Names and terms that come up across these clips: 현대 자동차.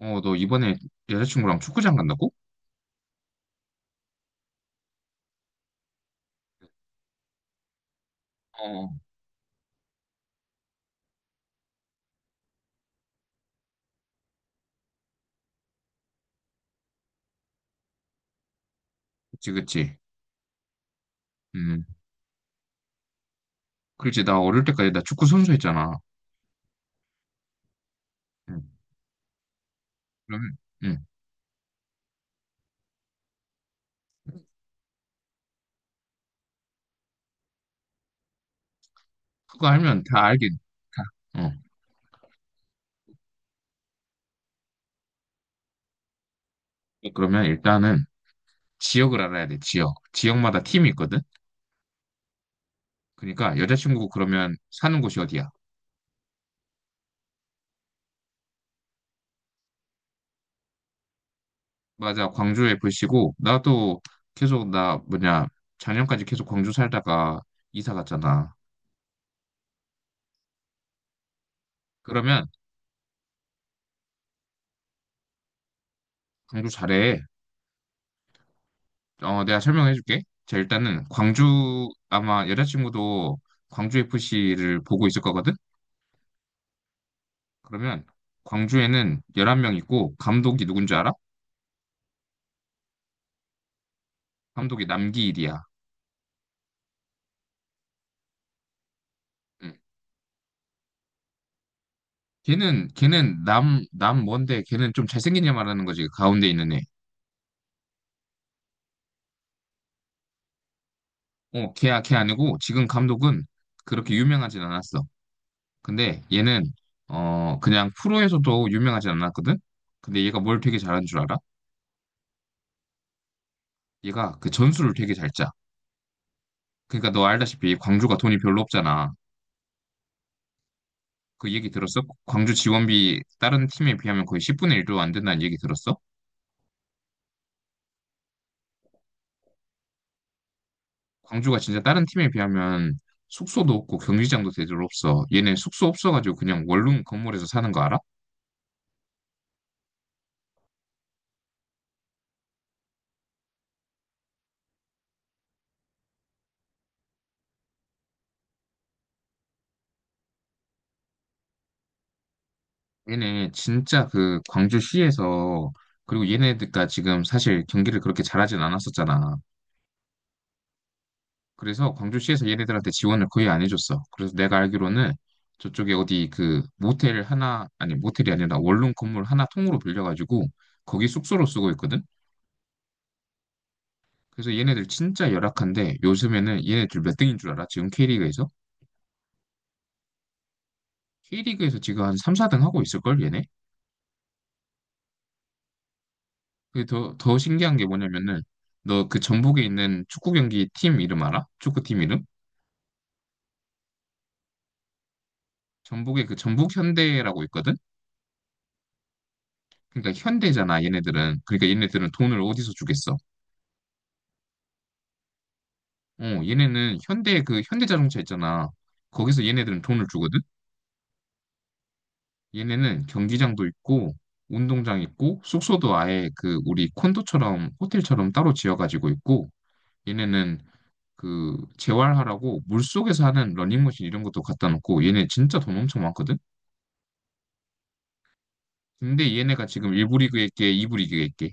어, 너 이번에 여자친구랑 축구장 간다고? 어, 그치, 그치. 음, 그렇지. 나 어릴 때까지 나 축구 선수했잖아. 음, 그러면, 음, 그거 알면 다 알긴, 다. 어. 그러면 일단은 지역을 알아야 돼, 지역. 지역마다 팀이 있거든? 그러니까 여자친구 그러면 사는 곳이 어디야? 맞아, 광주 에 f 시고 나도 계속, 나, 뭐냐, 작년까지 계속 광주 살다가 이사 갔잖아. 그러면 광주 잘해. 어, 내가 설명해줄게. 자, 일단은 광주 아마 여자친구도 광주 FC를 보고 있을 거거든. 그러면 광주에는 11명 있고 감독이 누군지 알아? 감독이 남기일이야. 응. 걔는 걔는 남 남 뭔데 걔는 좀 잘생긴 애 말하는 거지. 그 가운데 있는 애. 어, 걔야 걔 아니고 지금 감독은 그렇게 유명하진 않았어. 근데 얘는 그냥 프로에서도 유명하진 않았거든. 근데 얘가 뭘 되게 잘하는 줄 알아? 얘가 그 전술을 되게 잘 짜. 그러니까 너 알다시피 광주가 돈이 별로 없잖아. 그 얘기 들었어? 광주 지원비 다른 팀에 비하면 거의 10분의 1도 안 된다는 얘기 들었어? 광주가 진짜 다른 팀에 비하면 숙소도 없고 경기장도 제대로 없어. 얘네 숙소 없어가지고 그냥 원룸 건물에서 사는 거 알아? 얘네 진짜 그 광주시에서. 그리고 얘네가 지금 사실 경기를 그렇게 잘하진 않았었잖아. 그래서 광주시에서 얘네들한테 지원을 거의 안 해줬어. 그래서 내가 알기로는 저쪽에 어디 그 모텔 하나, 아니 모텔이 아니라 원룸 건물 하나 통으로 빌려가지고 거기 숙소로 쓰고 있거든? 그래서 얘네들 진짜 열악한데 요즘에는 얘네들 몇 등인 줄 알아? 지금 K리그에서? K리그에서 지금 한 3, 4등 하고 있을걸, 얘네? 그게 더 신기한 게 뭐냐면은 너 그 전북에 있는 축구 경기 팀 이름 알아? 축구팀 이름? 전북에 그 전북 현대라고 있거든? 그러니까 현대잖아, 얘네들은. 그러니까 얘네들은 돈을 어디서 주겠어? 어, 얘네는 현대 그 현대 자동차 있잖아. 거기서 얘네들은 돈을 주거든. 얘네는 경기장도 있고 운동장 있고 숙소도 아예 그 우리 콘도처럼 호텔처럼 따로 지어가지고 있고 얘네는 그 재활하라고 물속에서 하는 러닝머신 이런 것도 갖다 놓고 얘네 진짜 돈 엄청 많거든. 근데 얘네가 지금 1부 리그에 있게 2부 리그에 있게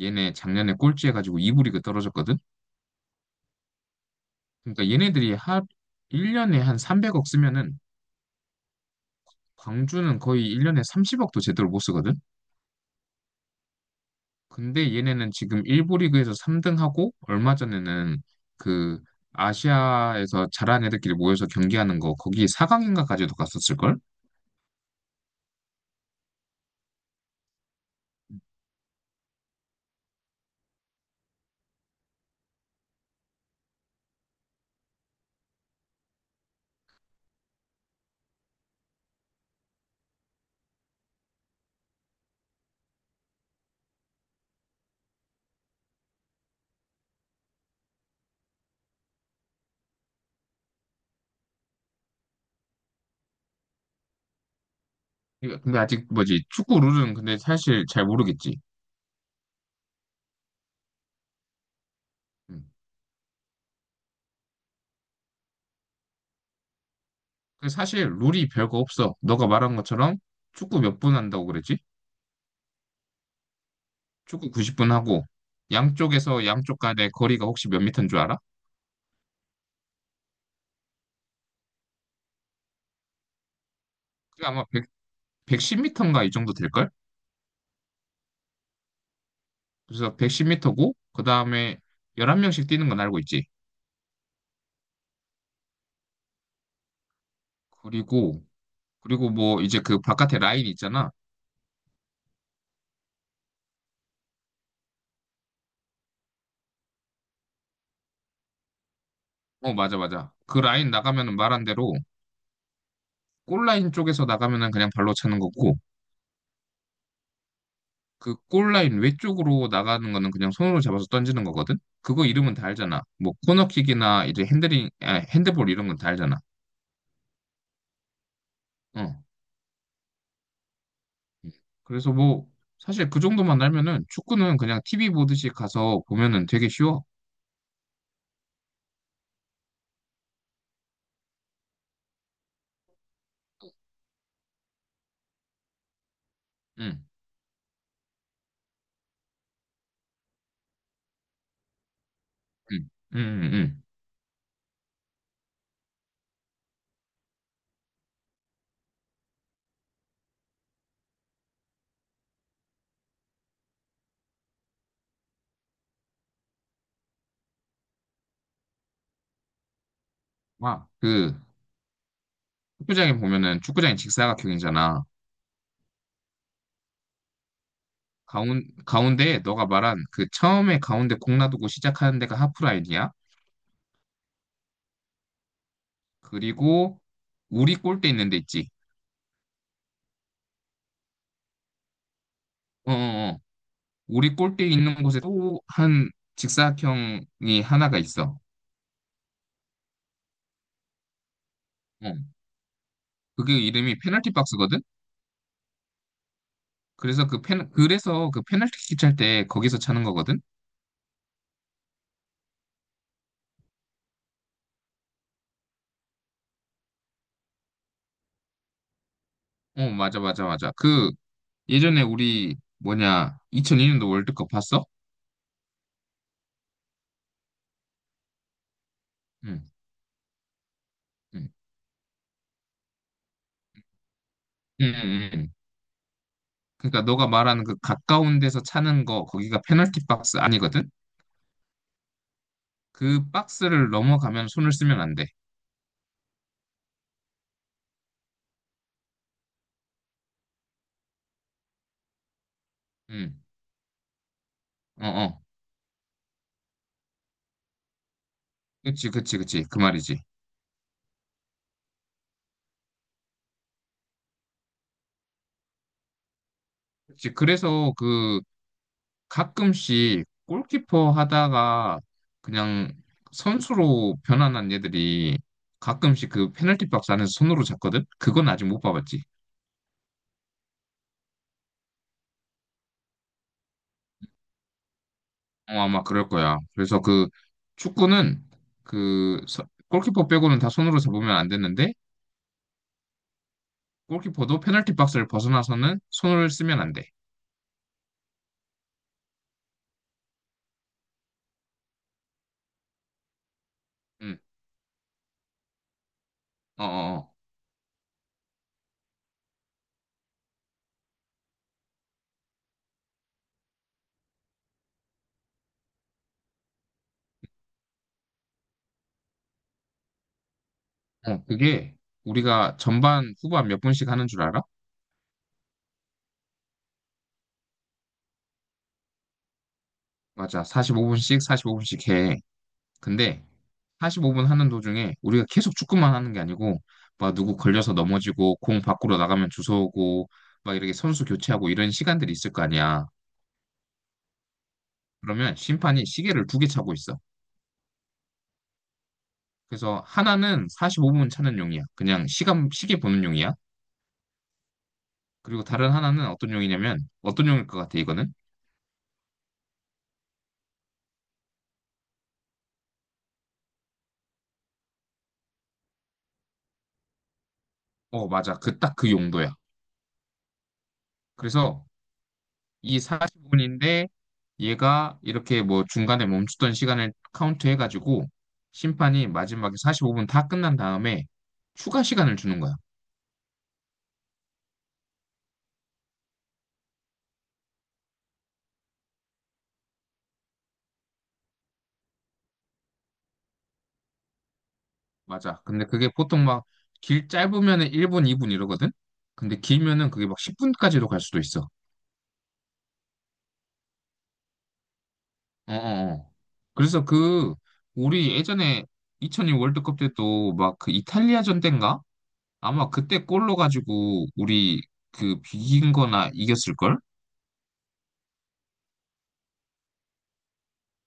얘네 작년에 꼴찌 해가지고 2부 리그 떨어졌거든. 그러니까 얘네들이 한 1년에 한 300억 쓰면은 광주는 거의 1년에 30억도 제대로 못 쓰거든. 근데 얘네는 지금 일부 리그에서 3등하고 얼마 전에는 그 아시아에서 잘한 애들끼리 모여서 경기하는 거 거기 4강인가까지도 갔었을걸? 이거 근데 아직 뭐지 축구 룰은 근데 사실 잘 모르겠지. 음. 근데 사실 룰이 별거 없어. 너가 말한 것처럼 축구 몇 분 한다고 그랬지? 축구 90분 하고 양쪽에서 양쪽 간의 거리가 혹시 몇 미터인 줄 알아? 그게 아마 100, 110미터인가 이 정도 될걸? 그래서 110미터고 그다음에 11명씩 뛰는 건 알고 있지. 그리고 그리고 뭐 이제 그 바깥에 라인 있잖아. 어, 맞아, 맞아. 그 라인 나가면은 말한 대로 골라인 쪽에서 나가면은 그냥 발로 차는 거고 그 골라인 외쪽으로 나가는 거는 그냥 손으로 잡아서 던지는 거거든. 그거 이름은 다 알잖아. 뭐 코너킥이나 이제 핸들링, 아, 핸드볼 이런 건 다 알잖아. 어. 음. 그래서 뭐 사실 그 정도만 알면은 축구는 그냥 TV 보듯이 가서 보면은 되게 쉬워. 응, 응, 응, 응. 응. 와, 그 축구장에 보면은 축구장이 직사각형이잖아. 가운데 너가 말한 그 처음에 가운데 공 놔두고 시작하는 데가 하프라인이야. 그리고 우리 골대 있는 데 있지. 어, 어, 어. 우리 골대 있는 곳에 또 한 직사각형이 하나가 있어. 어. 그게 이름이 페널티 박스거든. 그래서 그 페널티킥 찰 때 거기서 차는 거거든. 어, 맞아, 맞아, 맞아. 그 예전에 우리 뭐냐 2002년도 월드컵 봤어? 응, 응, 응, 응. 응. 그러니까 너가 말하는 그 가까운 데서 차는 거 거기가 페널티 박스 아니거든? 그 박스를 넘어가면 손을 쓰면 안 돼. 응. 어, 어. 그치, 그치, 그치. 그 말이지. 그치. 그래서 그 가끔씩 골키퍼 하다가 그냥 선수로 변환한 애들이 가끔씩 그 페널티 박스 안에서 손으로 잡거든? 그건 아직 못 봐봤지. 어, 아마 그럴 거야. 그래서 그 축구는 그 골키퍼 빼고는 다 손으로 잡으면 안 되는데 골키퍼도 페널티 박스를 벗어나서는 손을 쓰면 안 돼. 응. 어, 어, 어. 어, 그게 우리가 전반, 후반 몇 분씩 하는 줄 알아? 맞아. 45분씩, 45분씩 해. 근데 45분 하는 도중에 우리가 계속 축구만 하는 게 아니고 막 누구 걸려서 넘어지고 공 밖으로 나가면 주워오고 막 이렇게 선수 교체하고 이런 시간들이 있을 거 아니야. 그러면 심판이 시계를 2개 차고 있어. 그래서 하나는 45분 차는 용이야. 그냥 시간 시계 보는 용이야. 그리고 다른 하나는 어떤 용이냐면 어떤 용일 것 같아 이거는? 어, 맞아. 그 딱 그 용도야. 그래서 이 45분인데 얘가 이렇게 뭐 중간에 멈추던 시간을 카운트 해가지고 심판이 마지막에 45분 다 끝난 다음에 추가 시간을 주는 거야. 맞아. 근데 그게 보통 막 길 짧으면은 1분, 2분 이러거든? 근데 길면은 그게 막 10분까지도 갈 수도 있어. 어어어. 그래서 그 우리 예전에 2002 월드컵 때도 막 그 이탈리아전 때인가? 아마 그때 골로 가지고 우리 그 비긴 거나 이겼을걸?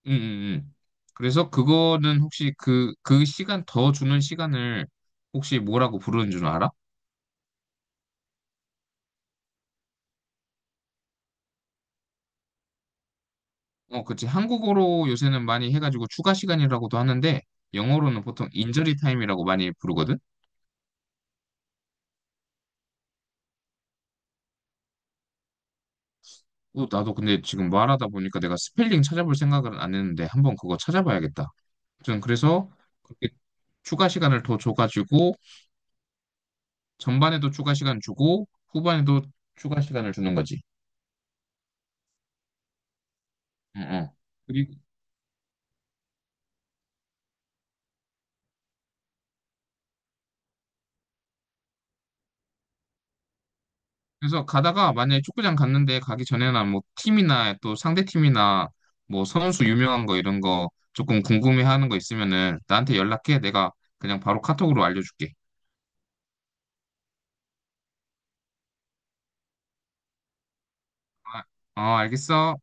응, 응, 응. 그래서 그거는 혹시 그 시간 더 주는 시간을 혹시 뭐라고 부르는 줄 알아? 어, 그치. 한국어로 요새는 많이 해가지고 추가 시간이라고도 하는데 영어로는 보통 인저리 타임이라고 많이 부르거든? 어, 나도 근데 지금 말하다 보니까 내가 스펠링 찾아볼 생각은 안 했는데 한번 그거 찾아봐야겠다. 아무튼 그래서 그렇게 추가 시간을 더 줘가지고 전반에도 추가 시간 주고 후반에도 추가 시간을 주는 거지. 응, 응. 그리고. 그래서 가다가 만약에 축구장 갔는데 가기 전에나 뭐 팀이나 또 상대 팀이나 뭐 선수 유명한 거 이런 거 조금 궁금해하는 거 있으면은 나한테 연락해. 내가 그냥 바로 카톡으로 알려줄게. 아, 어, 알겠어.